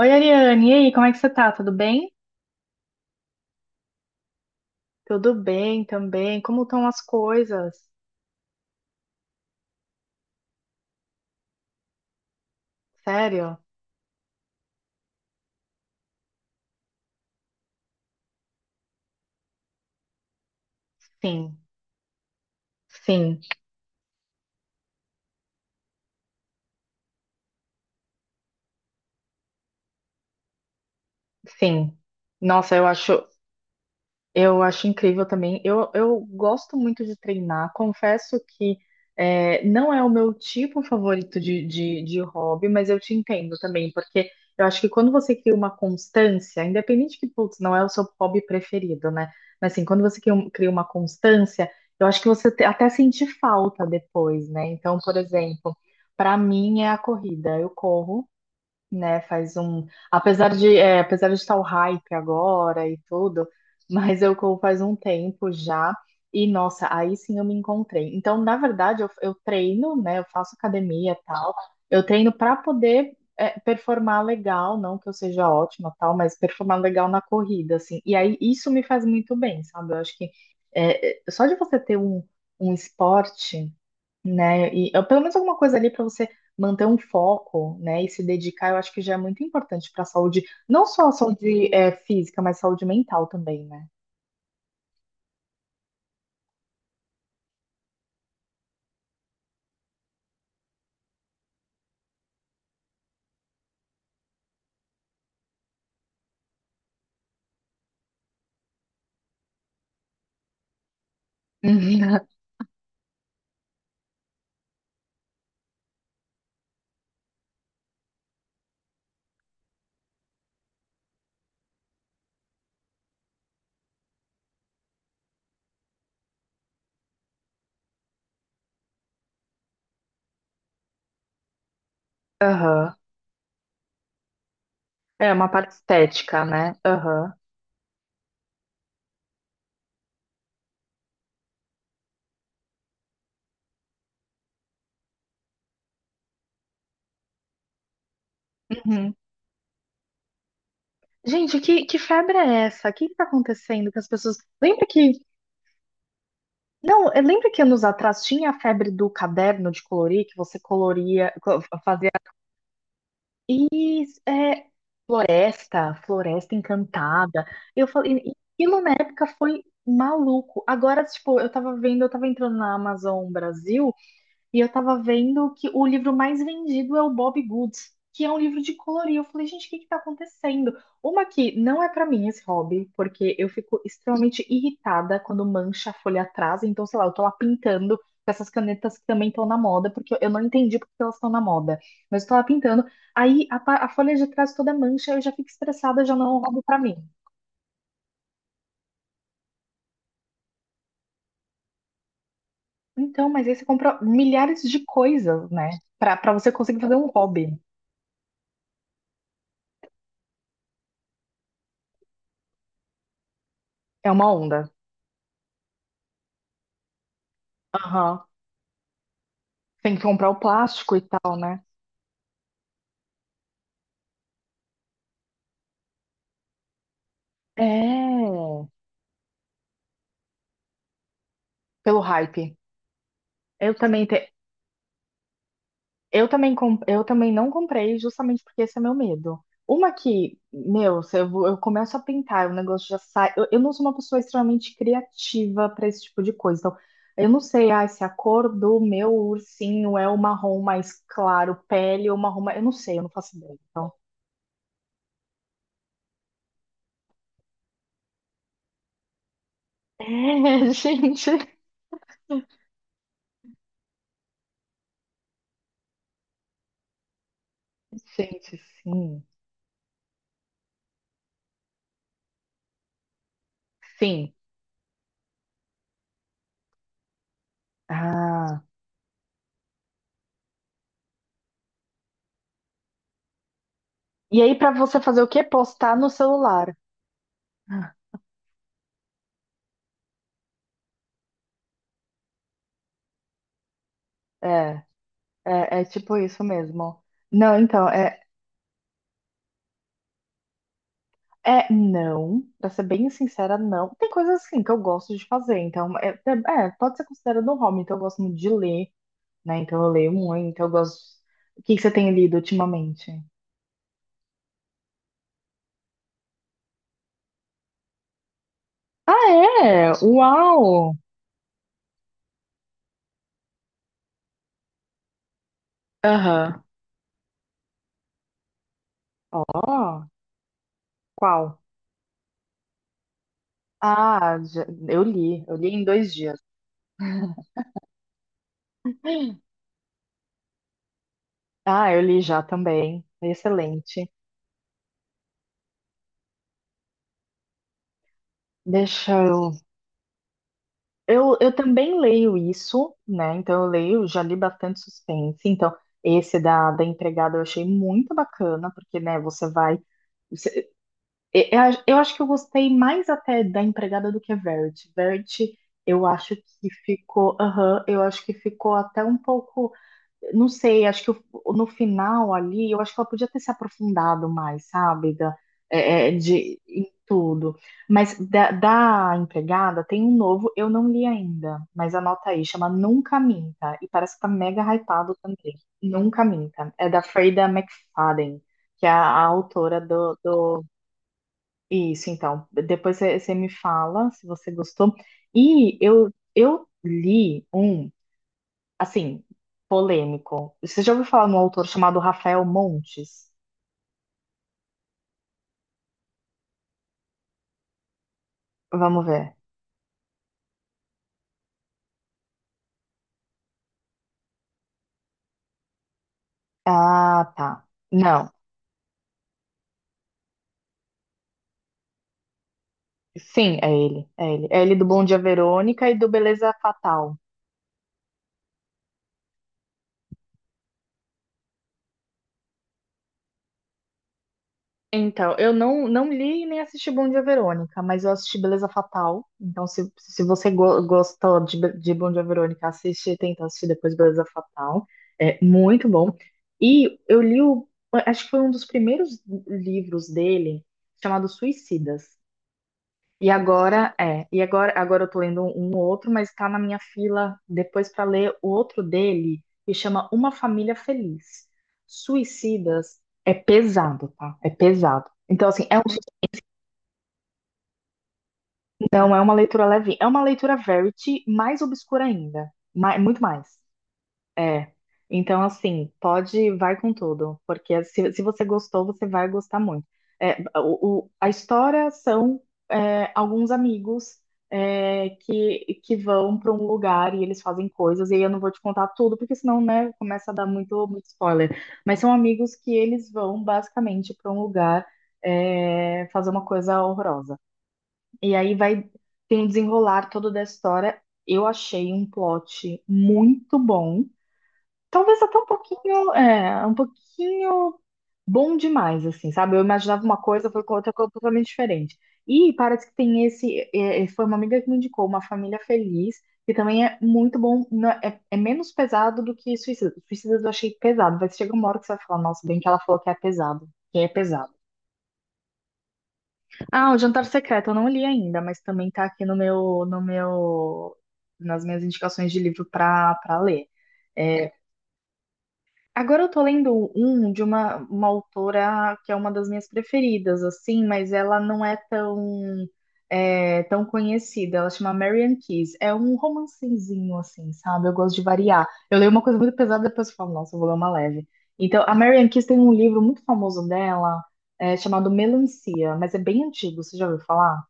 Oi, Ariane, e aí, como é que você tá? Tudo bem? Tudo bem também. Como estão as coisas? Sério? Sim, sim, sim. Nossa, eu acho, Eu acho incrível também. Eu gosto muito de treinar. Confesso que não é o meu tipo favorito de, de hobby, mas eu te entendo também, porque eu acho que quando você cria uma constância, independente que, putz, não é o seu hobby preferido, né? Mas assim, quando você cria uma constância, eu acho que você até sente falta depois, né? Então, por exemplo, para mim é a corrida. Eu corro, né? Faz um, apesar de, é, apesar de estar o hype agora e tudo, mas eu corro faz um tempo já e nossa, aí sim eu me encontrei. Então, na verdade, eu treino, né? Eu faço academia e tal. Eu treino para poder performar legal, não que eu seja ótima tal, mas performar legal na corrida, assim. E aí isso me faz muito bem, sabe? Eu acho que só de você ter um esporte, né? Pelo menos alguma coisa ali para você manter um foco, né, e se dedicar, eu acho que já é muito importante para a saúde, não só a saúde física, mas saúde mental também, né? Uhum. Aham. É uma parte estética, né? Aham. Uhum. Gente, que febre é essa? O que que tá acontecendo que as pessoas... Lembra que... Não, eu lembro que anos atrás tinha a febre do caderno de colorir, que você coloria, fazia... Isso, Floresta Encantada. Eu falei, e aquilo na época foi maluco. Agora, tipo, eu tava entrando na Amazon Brasil. E eu tava vendo que o livro mais vendido é o Bob Goods, que é um livro de colorir. Eu falei, gente, o que que tá acontecendo? Uma que não é pra mim esse hobby, porque eu fico extremamente irritada quando mancha a folha atrás. Então, sei lá, eu tô lá pintando com essas canetas que também estão na moda, porque eu não entendi porque elas estão na moda. Mas eu tô lá pintando. Aí a folha de trás toda mancha, eu já fico estressada, já não é um hobby pra mim. Então, mas aí você compra milhares de coisas, né? Pra você conseguir fazer um hobby. É uma onda. Aham. Tem que comprar o plástico e tal, né? É, pelo hype. Eu também, te... eu também não comprei justamente porque esse é meu medo. Uma que, meu, se eu, vou- eu começo a pintar, o negócio já sai. Eu não sou uma pessoa extremamente criativa para esse tipo de coisa. Então, eu não sei, se a cor do meu ursinho é o marrom mais claro, pele ou marrom mais... Eu não sei, eu não faço ideia. Então, gente, gente, sim, sim. Ah. E aí, pra você fazer o quê? Postar no celular. É, é tipo isso mesmo. Não, então, não, pra ser bem sincera, não. Tem coisas assim que eu gosto de fazer, então, pode ser considerado um hobby, então eu gosto muito de ler, né? Então eu leio muito, então eu gosto. O que que você tem lido ultimamente? Ah, é? Uau! Aham. Ó, qual? Ah, eu li em 2 dias. Ah, eu li já também. Excelente. Deixa eu eu também leio isso, né? Então eu leio, já li bastante suspense. Então, esse da empregada eu achei muito bacana, porque, né, você vai. você- eu acho que eu gostei mais até da empregada do que a Verity. Verity, eu acho que ficou. Aham, eu acho que ficou até um pouco, não sei, acho que no final ali, eu acho que ela podia ter se aprofundado mais, sabe? Da, é, é, de, em tudo. Mas da empregada tem um novo, eu não li ainda, mas anota aí, chama Nunca Minta. E parece que tá mega hypado também. Nunca Minta. É da Freida McFadden, que é a autora do. Isso, então. Depois você me fala se você gostou. E eu li um. Assim, polêmico. Você já ouviu falar num autor chamado Rafael Montes? Vamos ver. Ah, tá. Não. Sim, é ele. É ele. É ele do Bom Dia Verônica e do Beleza Fatal. Então, eu não li nem assisti Bom Dia Verônica, mas eu assisti Beleza Fatal. Então, se você gostou de Bom Dia Verônica, tenta assistir depois Beleza Fatal. É muito bom. E eu li o, acho que foi um dos primeiros livros dele, chamado Suicidas. E agora, é, e agora, agora eu tô lendo um outro, mas tá na minha fila depois para ler o outro dele, que chama Uma Família Feliz. Suicidas é pesado, tá? É pesado. Então, assim, não é uma leitura leve, é uma leitura verity mais obscura ainda, muito mais. É. Então, assim, vai com tudo, porque se você gostou, você vai gostar muito. É, o, a história alguns amigos, que vão para um lugar e eles fazem coisas, e aí eu não vou te contar tudo, porque senão, né, começa a dar muito, muito spoiler. Mas são amigos que eles vão basicamente para um lugar, fazer uma coisa horrorosa. E aí tem um desenrolar todo da história. Eu achei um plot muito bom. Talvez até um pouquinho bom demais, assim, sabe? Eu imaginava uma coisa, foi com outra coisa totalmente diferente. E parece que tem foi uma amiga que me indicou, Uma Família Feliz, que também é muito bom, é menos pesado do que Suicida. Suicida eu achei pesado, vai chegar uma hora que você vai falar, nossa, bem que ela falou que é pesado, que é pesado. Ah, O Jantar Secreto, eu não li ainda, mas também tá aqui no meu, nas minhas indicações de livro pra ler. É, Agora eu tô lendo um de uma autora que é uma das minhas preferidas, assim, mas ela não é tão conhecida. Ela chama Marian Keyes. É um romancezinho, assim, sabe? Eu gosto de variar. Eu leio uma coisa muito pesada, depois eu falo, nossa, eu vou ler uma leve. Então, a Marian Keyes tem um livro muito famoso dela, chamado Melancia, mas é bem antigo, você já ouviu falar?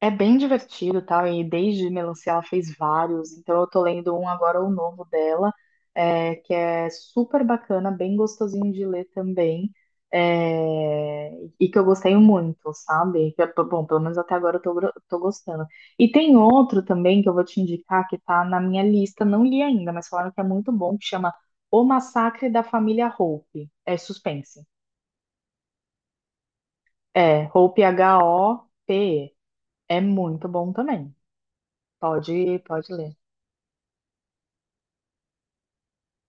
É bem divertido, tal, e desde Melancia ela fez vários, então eu tô lendo um agora, o novo dela, que é super bacana, bem gostosinho de ler também, é, e que eu gostei muito, sabe? Bom, pelo menos até agora tô gostando. E tem outro também que eu vou te indicar, que tá na minha lista, não li ainda, mas falaram que é muito bom, que chama O Massacre da Família Hope, é suspense. É, Hope, Hope, é muito bom também. Pode, pode ler.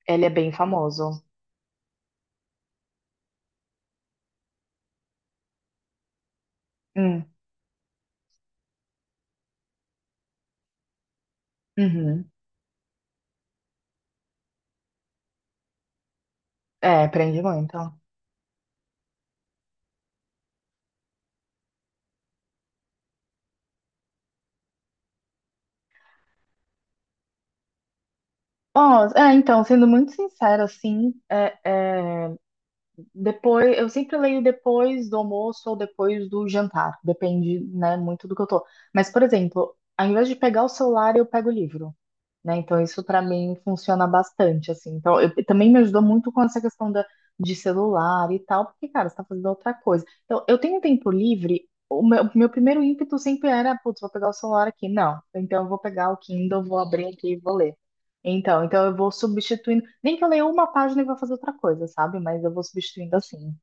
Ele é bem famoso. Hum, uhum. É, prende muito. Ó, então, sendo muito sincera, assim, é, depois, eu sempre leio depois do almoço ou depois do jantar, depende, né, muito do que eu tô. Mas, por exemplo, ao invés de pegar o celular, eu pego o livro, né? Então isso para mim funciona bastante, assim. Então também me ajudou muito com essa questão de celular e tal, porque, cara, você tá fazendo outra coisa. Então eu tenho um tempo livre, meu primeiro ímpeto sempre era, putz, vou pegar o celular aqui. Não, então eu vou pegar o Kindle, vou abrir aqui e vou ler. Então eu vou substituindo, nem que eu leia uma página e vou fazer outra coisa, sabe? Mas eu vou substituindo assim.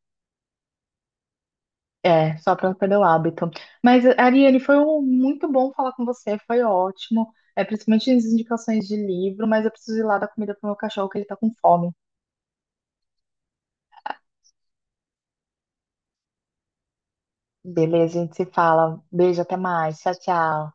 É, só para não perder o hábito. Mas, Ariane, foi muito bom falar com você, foi ótimo. É, principalmente as indicações de livro, mas eu preciso ir lá dar comida pro meu cachorro, que ele tá com fome. Beleza, a gente se fala. Beijo, até mais. Tchau, tchau.